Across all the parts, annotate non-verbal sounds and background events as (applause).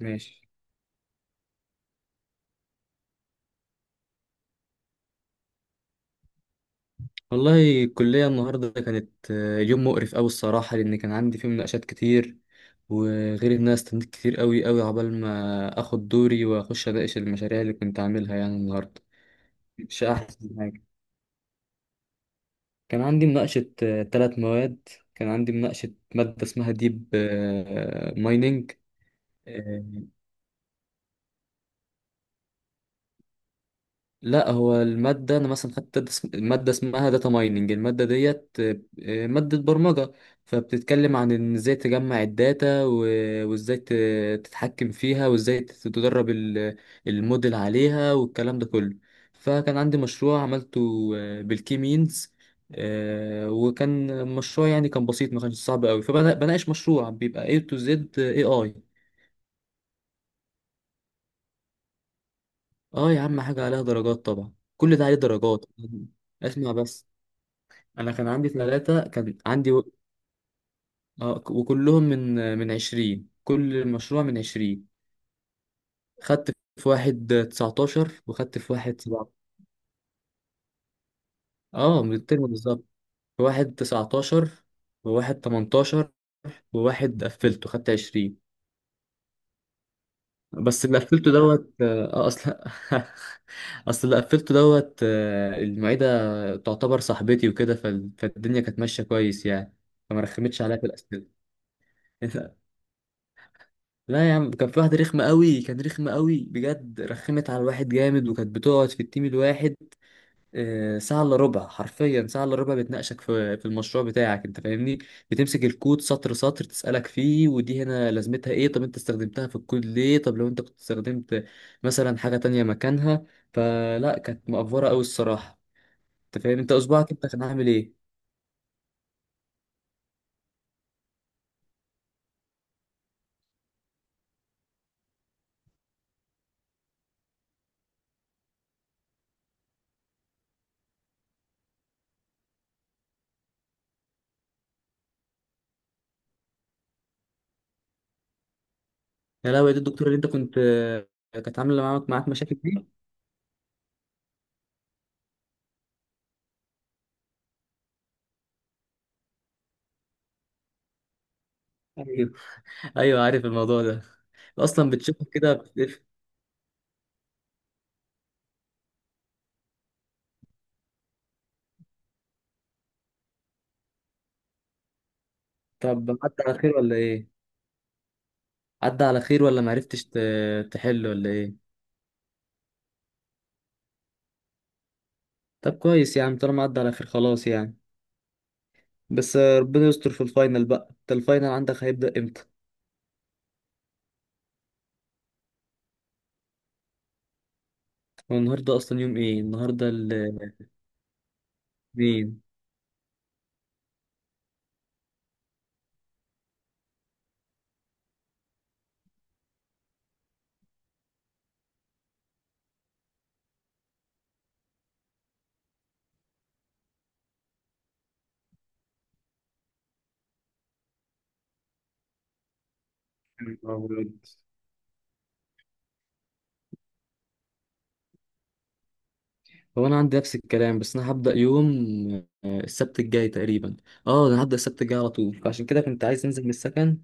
ماشي. والله الكلية النهاردة كانت يوم مقرف أوي الصراحة، لأن كان عندي فيه مناقشات كتير، وغير إن أنا استنيت كتير أوي أوي عقبال ما آخد دوري وأخش أناقش المشاريع اللي كنت عاملها يعني النهاردة. مش أحسن حاجة. كان عندي مناقشة تلات مواد. كان عندي مناقشة مادة اسمها ديب مايننج. لا، هو المادة أنا مثلا خدت مادة اسمها داتا مايننج، المادة ديت مادة برمجة، فبتتكلم عن إن إزاي تجمع الداتا وإزاي تتحكم فيها، وإزاي تدرب الموديل عليها والكلام ده كله. فكان عندي مشروع عملته بالكيمينز. وكان مشروع يعني، كان بسيط، ما كانش صعب قوي، فبناقش مشروع بيبقى A to Z AI. اه يا عم، حاجة عليها درجات، طبعا كل ده عليه درجات. اسمع بس. انا كان عندي ثلاثة، كان عندي و... وكلهم من 20، كل مشروع من 20. خدت في واحد 19، وخدت في واحد 17. اه، من الترم بالظبط. في واحد 19، وواحد 18، وواحد قفلته خدت 20. بس اللي قفلته دوت اه اصلا. (laughs) اصل اللي قفلته دوت، المعيدة تعتبر صاحبتي وكده، فالدنيا كانت ماشية كويس يعني. فما رخمتش عليا في الأسئلة. (laughs) لا يا عم، كان في واحدة رخمة قوي، كان رخمة قوي بجد، رخمت على الواحد جامد، وكانت بتقعد في التيم الواحد ساعة الا ربع، حرفيا ساعة الا ربع بتناقشك في المشروع بتاعك، انت فاهمني، بتمسك الكود سطر سطر، تسألك فيه ودي هنا لازمتها ايه، طب انت استخدمتها في الكود ليه، طب لو انت كنت استخدمت مثلا حاجة تانية مكانها. فلا، كانت مقفرة قوي الصراحة. انت فاهم، انت اسبوعك انت كان عامل ايه. يا لهوي، دي الدكتورة اللي انت كنت كانت عاملة معاك مشاكل. دي ايوه، عارف الموضوع ده. اصلا بتشوفه كده بتقف. طب عدى على خير ولا ايه؟ عدى على خير، ولا معرفتش تحل ولا ايه؟ طب كويس يا عم، طالما عدى على خير خلاص يعني. بس ربنا يستر في الفاينل بقى، انت الفاينل عندك هيبدأ امتى؟ هو النهارده اصلا يوم ايه النهارده؟ الاثنين. هو انا عندي نفس الكلام، بس انا هبدا يوم السبت الجاي تقريبا. اه، انا هبدا السبت الجاي على طول، فعشان كده كنت عايز انزل من السكن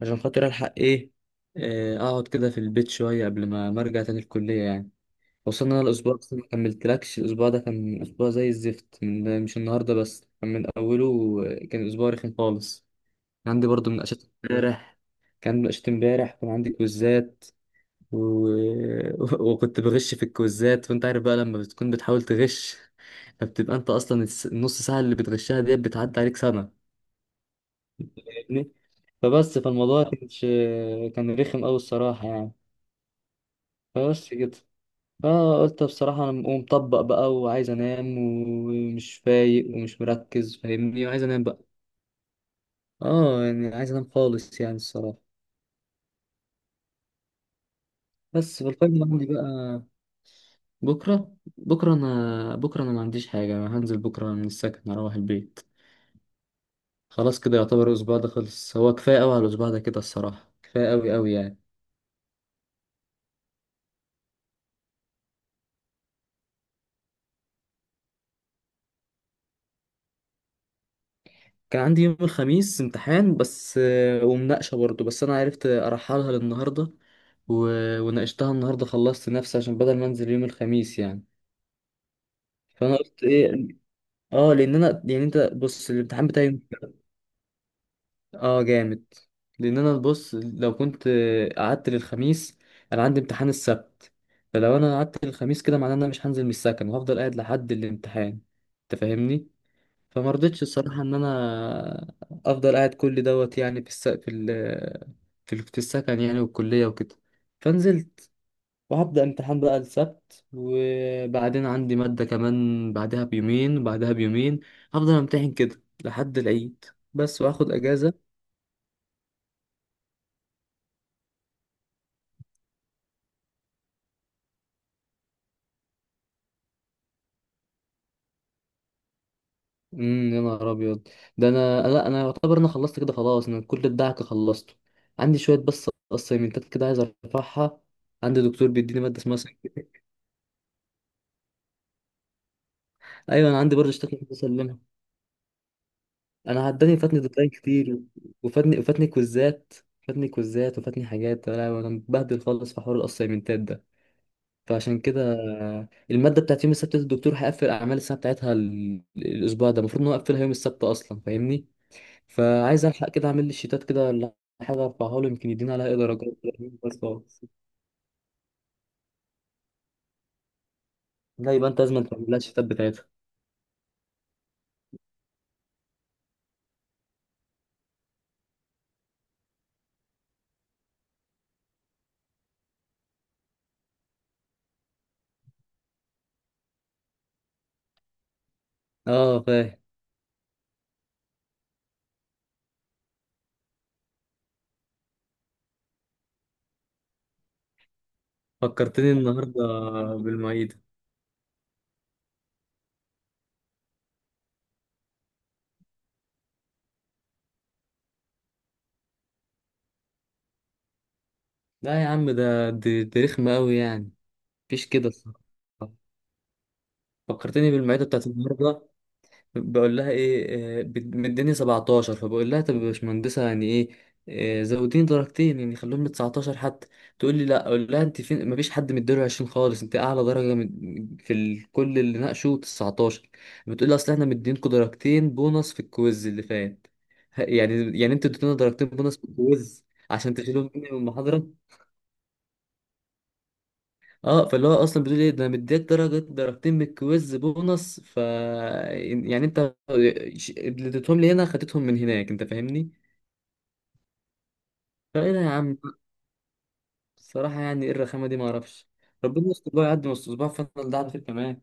عشان خاطر الحق ايه، اقعد كده في البيت شويه قبل ما ارجع تاني الكليه يعني. وصلنا، أنا الاسبوع بس ما كملتلكش، الاسبوع ده كان اسبوع زي الزفت، من مش النهارده بس، كان من اوله كان اسبوع رخم خالص. كان عندي برضو مناقشات امبارح، كان مناقشات امبارح، كان عندي كويزات و... (laughs) وكنت بغش في الكويزات، وانت عارف بقى لما بتكون بتحاول تغش، فبتبقى انت اصلا النص ساعه اللي بتغشها ديت بتعدي عليك سنه، فاهمني. فبس، فالموضوع كانش، كان رخم قوي الصراحه يعني. فبس كده. فقلت بصراحه، انا مقوم مطبق بقى، وعايز انام، ومش فايق، ومش مركز، فاهمني، وعايز انام بقى. اه يعني، عايز انام خالص يعني الصراحه. بس فالفاينل عندي بقى. بكره، بكره انا، بكره انا ما عنديش حاجه، انا هنزل بكره من السكن اروح البيت. خلاص كده، يعتبر الاسبوع ده خلص، هو كفايه قوي على الاسبوع ده كده الصراحه، كفايه قوي قوي يعني. كان عندي يوم الخميس امتحان بس ومناقشة برضه، بس أنا عرفت أرحلها للنهاردة، و... وناقشتها النهاردة خلصت نفسي، عشان بدل ما أنزل يوم الخميس يعني. فأنا قلت إيه، لأن أنا يعني، أنت بص، الامتحان بتاعي جامد، لأن أنا بص، لو كنت قعدت للخميس، أنا عندي امتحان السبت، فلو أنا قعدت للخميس كده معناه إن أنا مش هنزل من السكن، وهفضل قاعد لحد الامتحان، أنت فاهمني؟ فما رضيتش الصراحة إن أنا أفضل قاعد كل دوت يعني في الس... في ال... في ال- في السكن يعني، والكلية وكده، فنزلت. وهبدأ امتحان بقى السبت، وبعدين عندي مادة كمان بعدها بيومين، وبعدها بيومين، هفضل امتحن كده لحد العيد، بس، وآخد أجازة. يا نهار أبيض، ده أنا، لا أنا يعتبر أنا خلصت كده خلاص، أنا كل الدعك خلصته، عندي شوية بس أسايمنتات كده عايز أرفعها، عندي دكتور بيديني مادة اسمها (laughs) ايوه، انا عندي برضه اشتكي بسلمها. انا عداني، فاتني ديدلاين كتير، وفاتني كويزات، فاتني كويزات، وفاتني حاجات، انا متبهدل خالص في حوار الاسايمنتات ده، فعشان كده الماده بتاعت يوم السبت دي، الدكتور هيقفل اعمال السنه بتاعتها الاسبوع ده، المفروض ان هو يقفلها يوم السبت اصلا فاهمني. فعايز الحق كده اعمل لي الشيتات كده، ولا حاجه ارفعها له، يمكن يدينا عليها ايه درجات كده، بس خلاص. لا، يبقى انت لازم تعمل لها الشيتات بتاعتها. اه، فاهم. فكرتني النهارده بالمعيده. لا يا عم، دي رخمه قوي يعني. مفيش كده الصراحة. فكرتني بالمعيدة بتاعت النهاردة. بقول لها إيه، مديني 17، فبقول لها طب يا باشمهندسة يعني إيه، زوديني درجتين يعني، خلوهم ل 19 حتى. تقول لي لا، أقول لها أنت فين، مفيش حد مديله 20 خالص، أنت أعلى درجة كل اللي ناقشوا 19. بتقول لي، أصل إحنا مدينكوا درجتين بونص في الكويز اللي فات، يعني أنتوا اديتونا درجتين بونص في الكويز عشان تشيلهم مني من المحاضرة. اه، فاللي هو اصلا بتقول ايه ده، أنا مديك درجتين من الكويز بونص، يعني انت، اللي اديتهم لي هنا خدتهم من هناك انت فاهمني. فايه ده يا عم، الصراحه، يعني ايه الرخامه دي، ما اعرفش. ربنا يستر بقى، يعدي نص اسبوع فضل ده على خير كمان.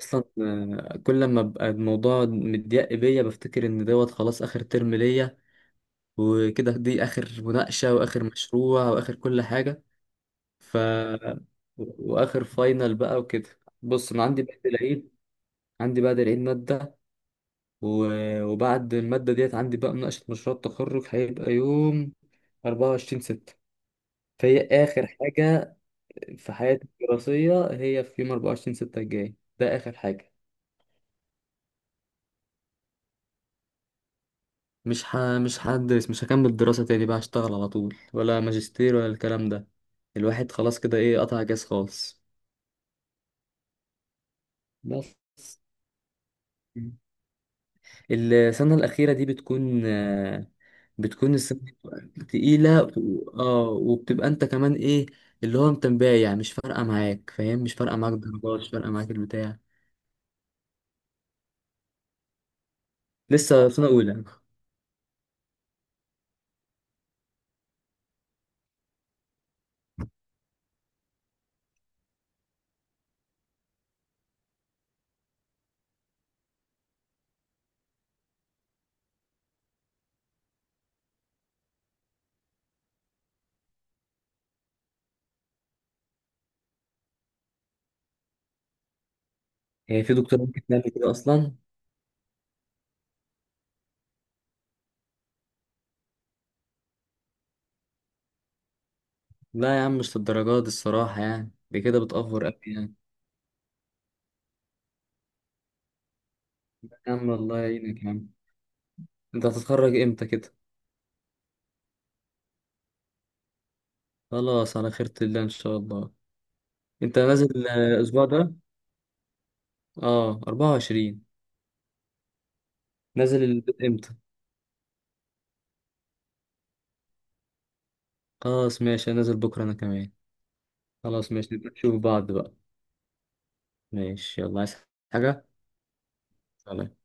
اصلا كل لما ابقى الموضوع مضيق بيا بفتكر ان دوت خلاص اخر ترم ليا وكده، دي اخر مناقشه، واخر مشروع، واخر كل حاجه، ف واخر فاينل بقى وكده. بص، انا عندي بعد العيد، عندي بعد العيد ماده، وبعد المادة ديت عندي بقى مناقشة مشروع التخرج، هيبقى يوم 24/6. فهي آخر حاجة في حياتي الدراسية، هي في يوم 24/6 الجاي ده آخر حاجة. مش هدرس، مش هكمل دراسة تاني بقى، هشتغل على طول ولا ماجستير ولا الكلام ده، الواحد خلاص كده إيه، قطع جاز خالص. بس السنة الأخيرة دي بتكون السنة تقيلة، وبتبقى أنت كمان إيه، اللي هو أنت مبايع، مش فارقة معاك فاهم، مش فارقة معاك الدرجات، مش فارقة معاك البتاع. لسه في سنة أولى. هي في دكتور ممكن تعمل كده أصلا؟ لا يا عم، مش للدرجات دي الصراحة يعني، دي كده بتأفور أوي يعني. يا عم الله يعينك يا عم. أنت هتتخرج إمتى كده؟ خلاص على خيرة الله إن شاء الله. أنت نازل الأسبوع ده. اه، 24. نازل إمتى؟ خلاص ماشي، أنا نازل بكرة أنا كمان. خلاص ماشي، نبقى نشوف بعض بقى. ماشي، يلا عايز حاجة، سلام.